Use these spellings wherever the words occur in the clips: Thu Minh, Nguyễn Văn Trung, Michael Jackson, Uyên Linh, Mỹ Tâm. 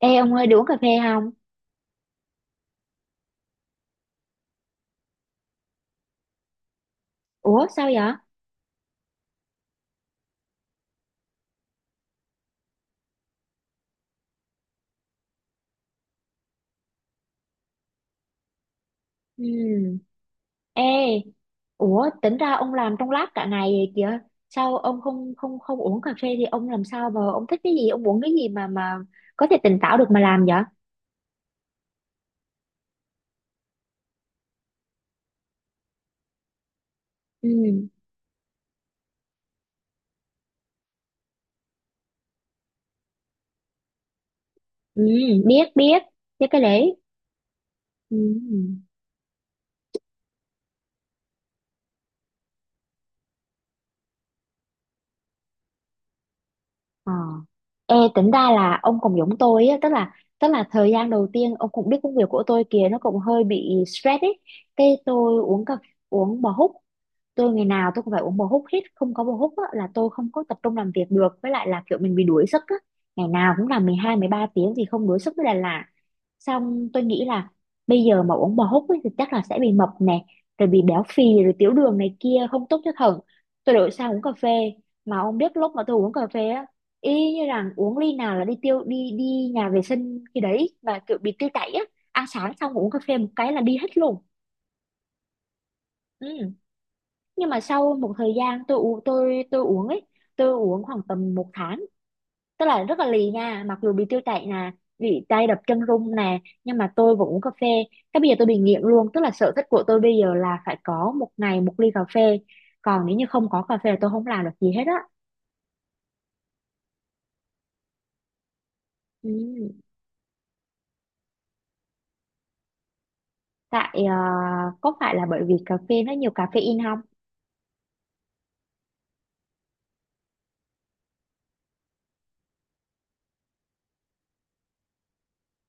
Ê ông ơi, đi uống cà phê không? Ủa sao vậy? Ừ. Ê, ủa tính ra ông làm trong lab cả ngày vậy kìa. Sao ông không không không uống cà phê thì ông làm sao mà ông thích cái gì, ông uống cái gì mà có thể tỉnh táo được mà làm vậy? Ừ. Ừ, biết biết, biết cái đấy. Ừ. Ờ. Ê, tính ra là ông cũng giống tôi á, tức là thời gian đầu tiên ông cũng biết công việc của tôi kìa nó cũng hơi bị stress ấy. Cái tôi uống bò húc, tôi ngày nào tôi cũng phải uống bò húc hết, không có bò húc á, là tôi không có tập trung làm việc được, với lại là kiểu mình bị đuối sức á, ngày nào cũng làm mười hai mười ba tiếng thì không đuối sức mới là lạ. Xong tôi nghĩ là bây giờ mà uống bò húc ấy, thì chắc là sẽ bị mập nè, rồi bị béo phì rồi tiểu đường này kia, không tốt cho thận. Tôi đổi sang uống cà phê, mà ông biết lúc mà tôi uống cà phê á, y như rằng uống ly nào là đi tiêu, đi đi nhà vệ sinh khi đấy, mà kiểu bị tiêu chảy á. Ăn sáng xong uống cà phê một cái là đi hết luôn. Ừ. Nhưng mà sau một thời gian tôi uống, tôi uống ấy, tôi uống khoảng tầm một tháng, tức là rất là lì nha, mặc dù bị tiêu chảy nè, bị tay đập chân run nè, nhưng mà tôi vẫn uống cà phê. Cái bây giờ tôi bị nghiện luôn, tức là sở thích của tôi bây giờ là phải có một ngày một ly cà phê, còn nếu như không có cà phê là tôi không làm được gì hết á. Ừ. Tại có phải là bởi vì cà phê nó nhiều caffeine không?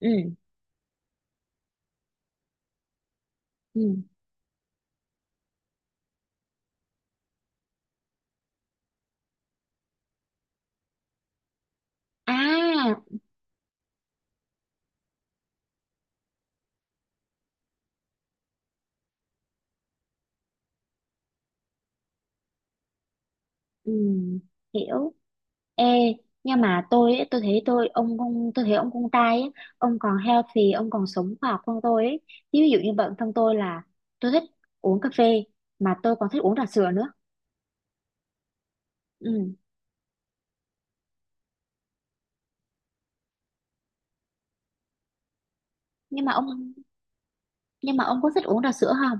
Ừ. Ừ. À. Ừ. Hiểu. Ê, nhưng mà tôi ấy, tôi thấy tôi, ông tôi thấy ông con trai ấy, ông còn healthy, ông còn sống khoa học hơn tôi ấy. Chứ ví dụ như bản thân tôi là tôi thích uống cà phê mà tôi còn thích uống trà sữa nữa. Ừ. Nhưng mà ông nhưng mà ông có thích uống trà sữa không?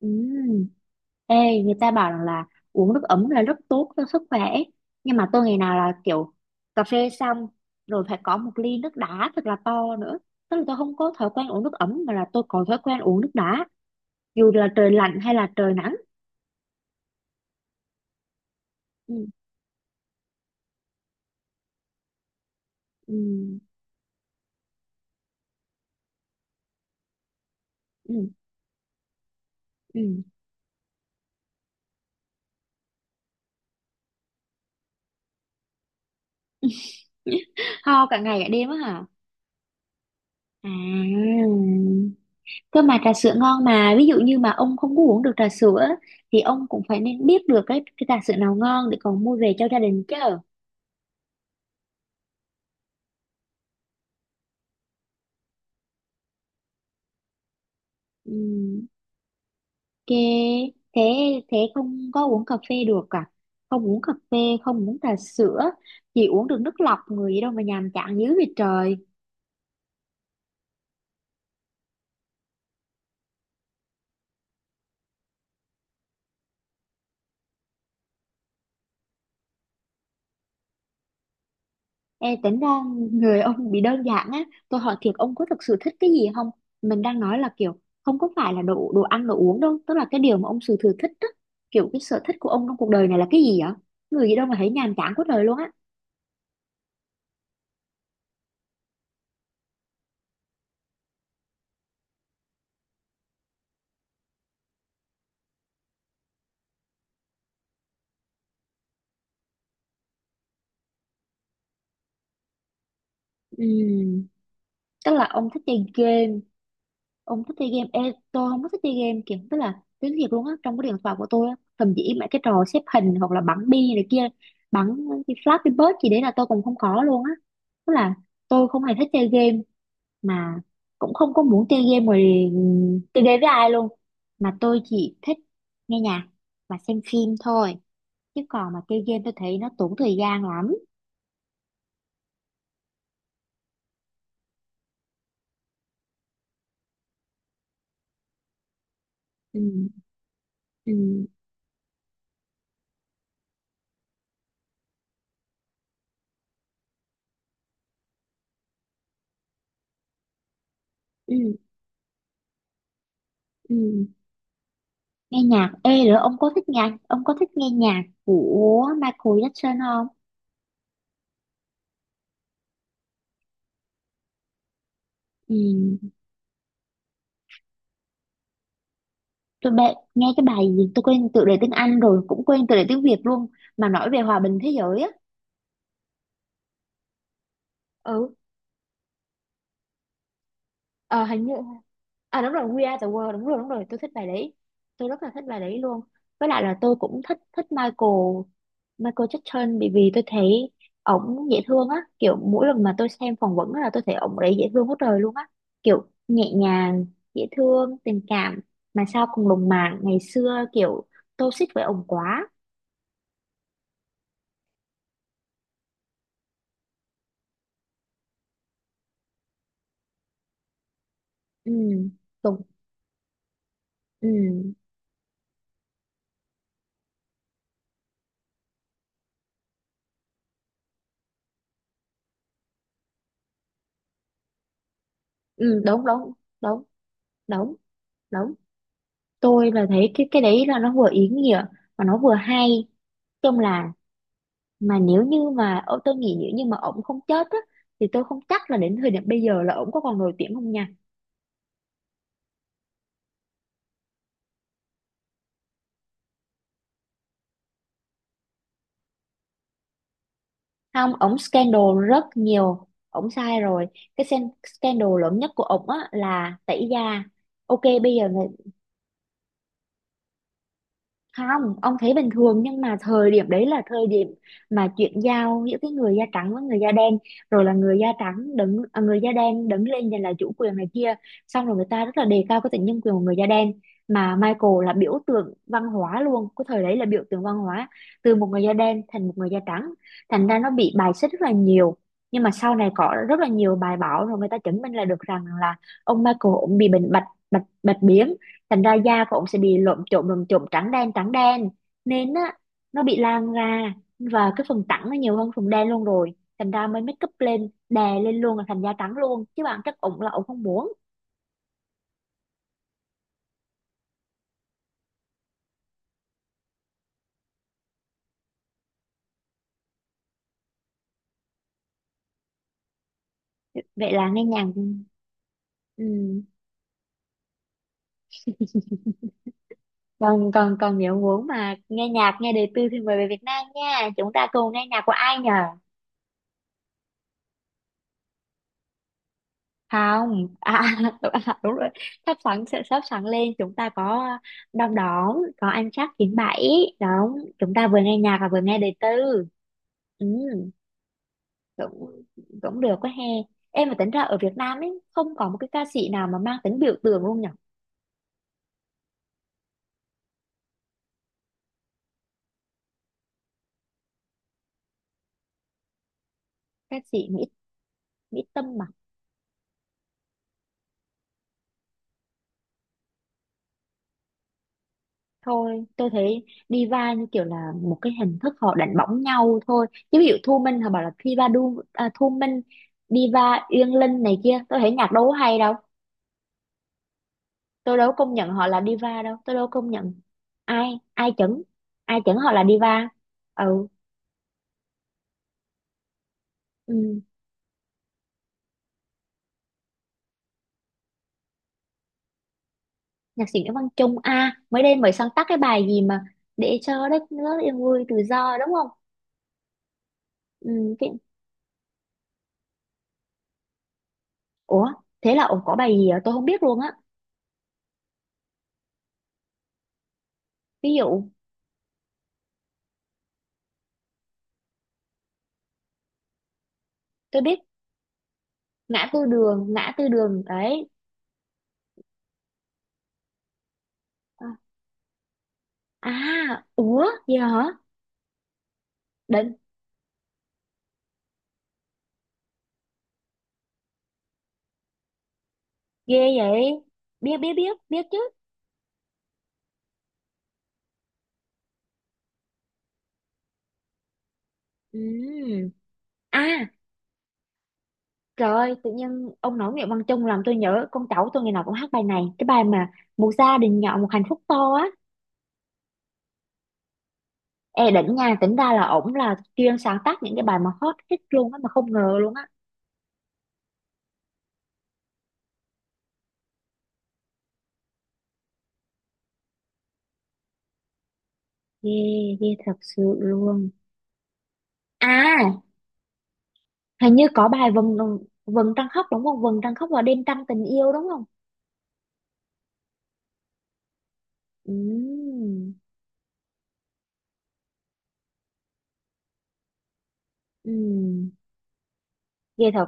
Ừ. Ê, người ta bảo rằng là uống nước ấm là rất tốt cho sức khỏe. Nhưng mà tôi ngày nào là kiểu cà phê xong rồi phải có một ly nước đá thật là to nữa. Tức là tôi không có thói quen uống nước ấm, mà là tôi có thói quen uống nước đá, dù là trời lạnh hay là trời nắng. Ừ. Ừ. Ừ. Ừ. Ho cả ngày cả đêm á hả? À, cơ mà trà sữa ngon mà, ví dụ như mà ông không có uống được trà sữa á, thì ông cũng phải nên biết được cái trà sữa nào ngon để còn mua về cho gia đình chứ. Ừ. Ok. Thế thế không có uống cà phê được à? Không uống cà phê, không uống trà sữa, chỉ uống được nước lọc, người gì đâu mà nhàm chán dữ vậy trời. Ê, tính ra người ông bị đơn giản á, tôi hỏi thiệt ông có thực sự thích cái gì không? Mình đang nói là kiểu không có phải là đồ, đồ ăn đồ uống đâu, tức là cái điều mà ông sự thừa thích á, kiểu cái sở thích của ông trong cuộc đời này là cái gì vậy? Người gì đâu mà thấy nhàm chán quá trời luôn á. Ừm, tức là ông thích chơi game. Ông thích chơi game. Ê, tôi không có thích chơi game kìa, tức là tiếng thiệt luôn á, trong cái điện thoại của tôi á, thậm chí mấy cái trò xếp hình hoặc là bắn bi này kia, bắn cái Flappy Bird gì đấy là tôi cũng không có luôn á. Tức là tôi không hề thích chơi game mà cũng không có muốn chơi game rồi. Ừm, chơi game với ai luôn, mà tôi chỉ thích nghe nhạc và xem phim thôi. Chứ còn mà chơi game tôi thấy nó tốn thời gian lắm. Ừ. Ừ. Ừ. Ừ. Ừ. Nghe nhạc, ê, rồi ông có thích nhạc, ông có thích nghe nhạc của Michael Jackson không? Ừ, tôi bệ, nghe cái bài gì tôi quên tựa đề tiếng Anh rồi, cũng quên tựa đề tiếng Việt luôn, mà nói về hòa bình thế giới á. Ừ. Ờ, hình như, à đúng rồi, We Are the World, đúng rồi, đúng rồi, tôi thích bài đấy. Tôi rất là thích bài đấy luôn. Với lại là tôi cũng thích thích Michael, Michael Jackson, bởi vì tôi thấy ổng dễ thương á, kiểu mỗi lần mà tôi xem phỏng vấn á là tôi thấy ổng đấy dễ thương hết trời luôn á, kiểu nhẹ nhàng, dễ thương, tình cảm, mà sao còn lùng màng ngày xưa kiểu tôi xích với ổng quá. Ừ. Đúng. Ừ, ừ. Đúng đúng. Đúng đúng đúng. Tôi là thấy cái đấy là nó vừa ý nghĩa mà nó vừa hay, trong là, mà nếu như mà ô, tôi nghĩ nếu như mà ổng không chết á, thì tôi không chắc là đến thời điểm bây giờ là ổng có còn nổi tiếng không nha. Không, ổng scandal rất nhiều, ổng sai rồi. Cái sen- scandal lớn nhất của ổng á là tẩy da. Ok, bây giờ người. Không, ông thấy bình thường nhưng mà thời điểm đấy là thời điểm mà chuyển giao giữa cái người da trắng với người da đen, rồi là người da trắng đứng, à, người da đen đứng lên giành lại chủ quyền này kia, xong rồi người ta rất là đề cao cái tính nhân quyền của người da đen, mà Michael là biểu tượng văn hóa luôn, cái thời đấy là biểu tượng văn hóa từ một người da đen thành một người da trắng, thành ra nó bị bài xích rất là nhiều. Nhưng mà sau này có rất là nhiều bài báo rồi người ta chứng minh là được rằng là ông Michael cũng bị bệnh bạch bạch bạch biến, thành ra da của ông sẽ bị lộm chộm lộm chộm, trắng đen nên á, nó bị lan ra và cái phần trắng nó nhiều hơn phần đen luôn rồi, thành ra mới make up lên, đè lên luôn là thành da trắng luôn, chứ bạn chắc ổng là ổng không muốn. Vậy là nghe nhạc. Ừ. Còn còn còn, nếu muốn mà nghe nhạc, nghe đời tư thì mời về Việt Nam nha, chúng ta cùng nghe nhạc của ai nhờ. Không, à, đúng, à, đúng rồi, sắp sẵn sẽ sắp sẵn lên, chúng ta có đom đóm có ăn chắc chín bảy, đúng, chúng ta vừa nghe nhạc và vừa nghe đời tư. Ừ, cũng cũng được quá he. Em mà tính ra ở Việt Nam ấy không có một cái ca sĩ nào mà mang tính biểu tượng luôn nhở. Ca sĩ Mỹ, Mỹ Tâm mà. Thôi tôi thấy diva như kiểu là một cái hình thức họ đánh bóng nhau thôi, chứ ví dụ Thu Minh họ bảo là Diva Du, à, Thu Minh, Diva Uyên Linh này kia, tôi thấy nhạc đâu có hay đâu. Tôi đâu có công nhận họ là diva đâu, tôi đâu có công nhận. Ai ai chẩn ai chẩn họ là diva. Ừ. Ừ. Nhạc sĩ Nguyễn Văn Trung à, mới đây mới sáng tác cái bài gì mà để cho đất nước yên vui tự do đúng không? Ừ, cái... ủa thế là ổng có bài gì à? Tôi không biết luôn á. Ví dụ, tôi biết ngã tư đường, ngã tư đường đấy. À, à, ủa gì hả? Định. Ghê vậy. Biết biết biết biết chứ. Ừ. À. Trời ơi, tự nhiên ông nói Nguyễn Văn Trung làm tôi nhớ con cháu tôi ngày nào cũng hát bài này. Cái bài mà một gia đình nhỏ một hạnh phúc to á. Ê đỉnh nha, tính ra là ổng là chuyên sáng tác những cái bài mà hot hit luôn á, mà không ngờ luôn á. Ghê, ghê thật sự luôn. À, hình như có bài vầng, trăng khóc đúng không? Vầng trăng khóc và đêm trăng tình yêu đúng không? Ừ. Ừ. Ghê thật.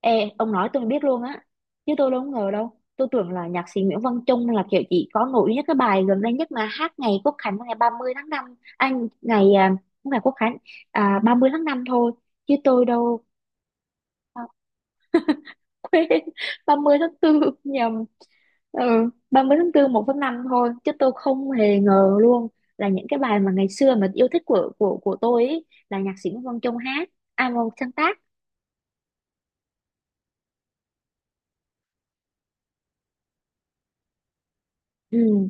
Ê, ông nói tôi mới biết luôn á. Chứ tôi đâu có ngờ đâu. Tôi tưởng là nhạc sĩ Nguyễn Văn Trung là kiểu chỉ có nổi nhất cái bài gần đây nhất mà hát ngày Quốc Khánh ngày 30 tháng 5, Anh, ngày, à, không phải Quốc Khánh, à, 30 tháng 5 thôi. Chứ tôi đâu, à, quên, 30 tháng tư nhầm. Ừ, 30 tháng 4 1 tháng 5 thôi. Chứ tôi không hề ngờ luôn là những cái bài mà ngày xưa mà yêu thích của tôi ấy, là nhạc sĩ Nguyễn Văn Trung hát, à, sáng tác. Ừ.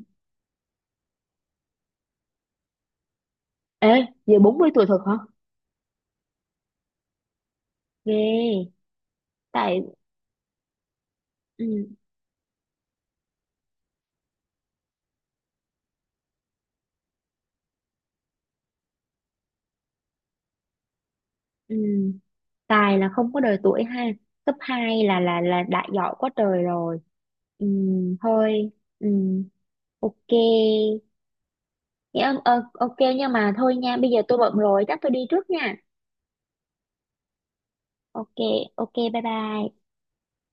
Ê, giờ 40 tuổi thật hả? Ghê. Tại. Ừ. Ừ, tài là không có đời tuổi ha, cấp 2 là đã giỏi quá trời rồi. Ừ, thôi. Ừ, ok. Dạ, ờ, ok, nhưng mà thôi nha, bây giờ tôi bận rồi, chắc tôi đi trước nha. Ok, ok, bye bye.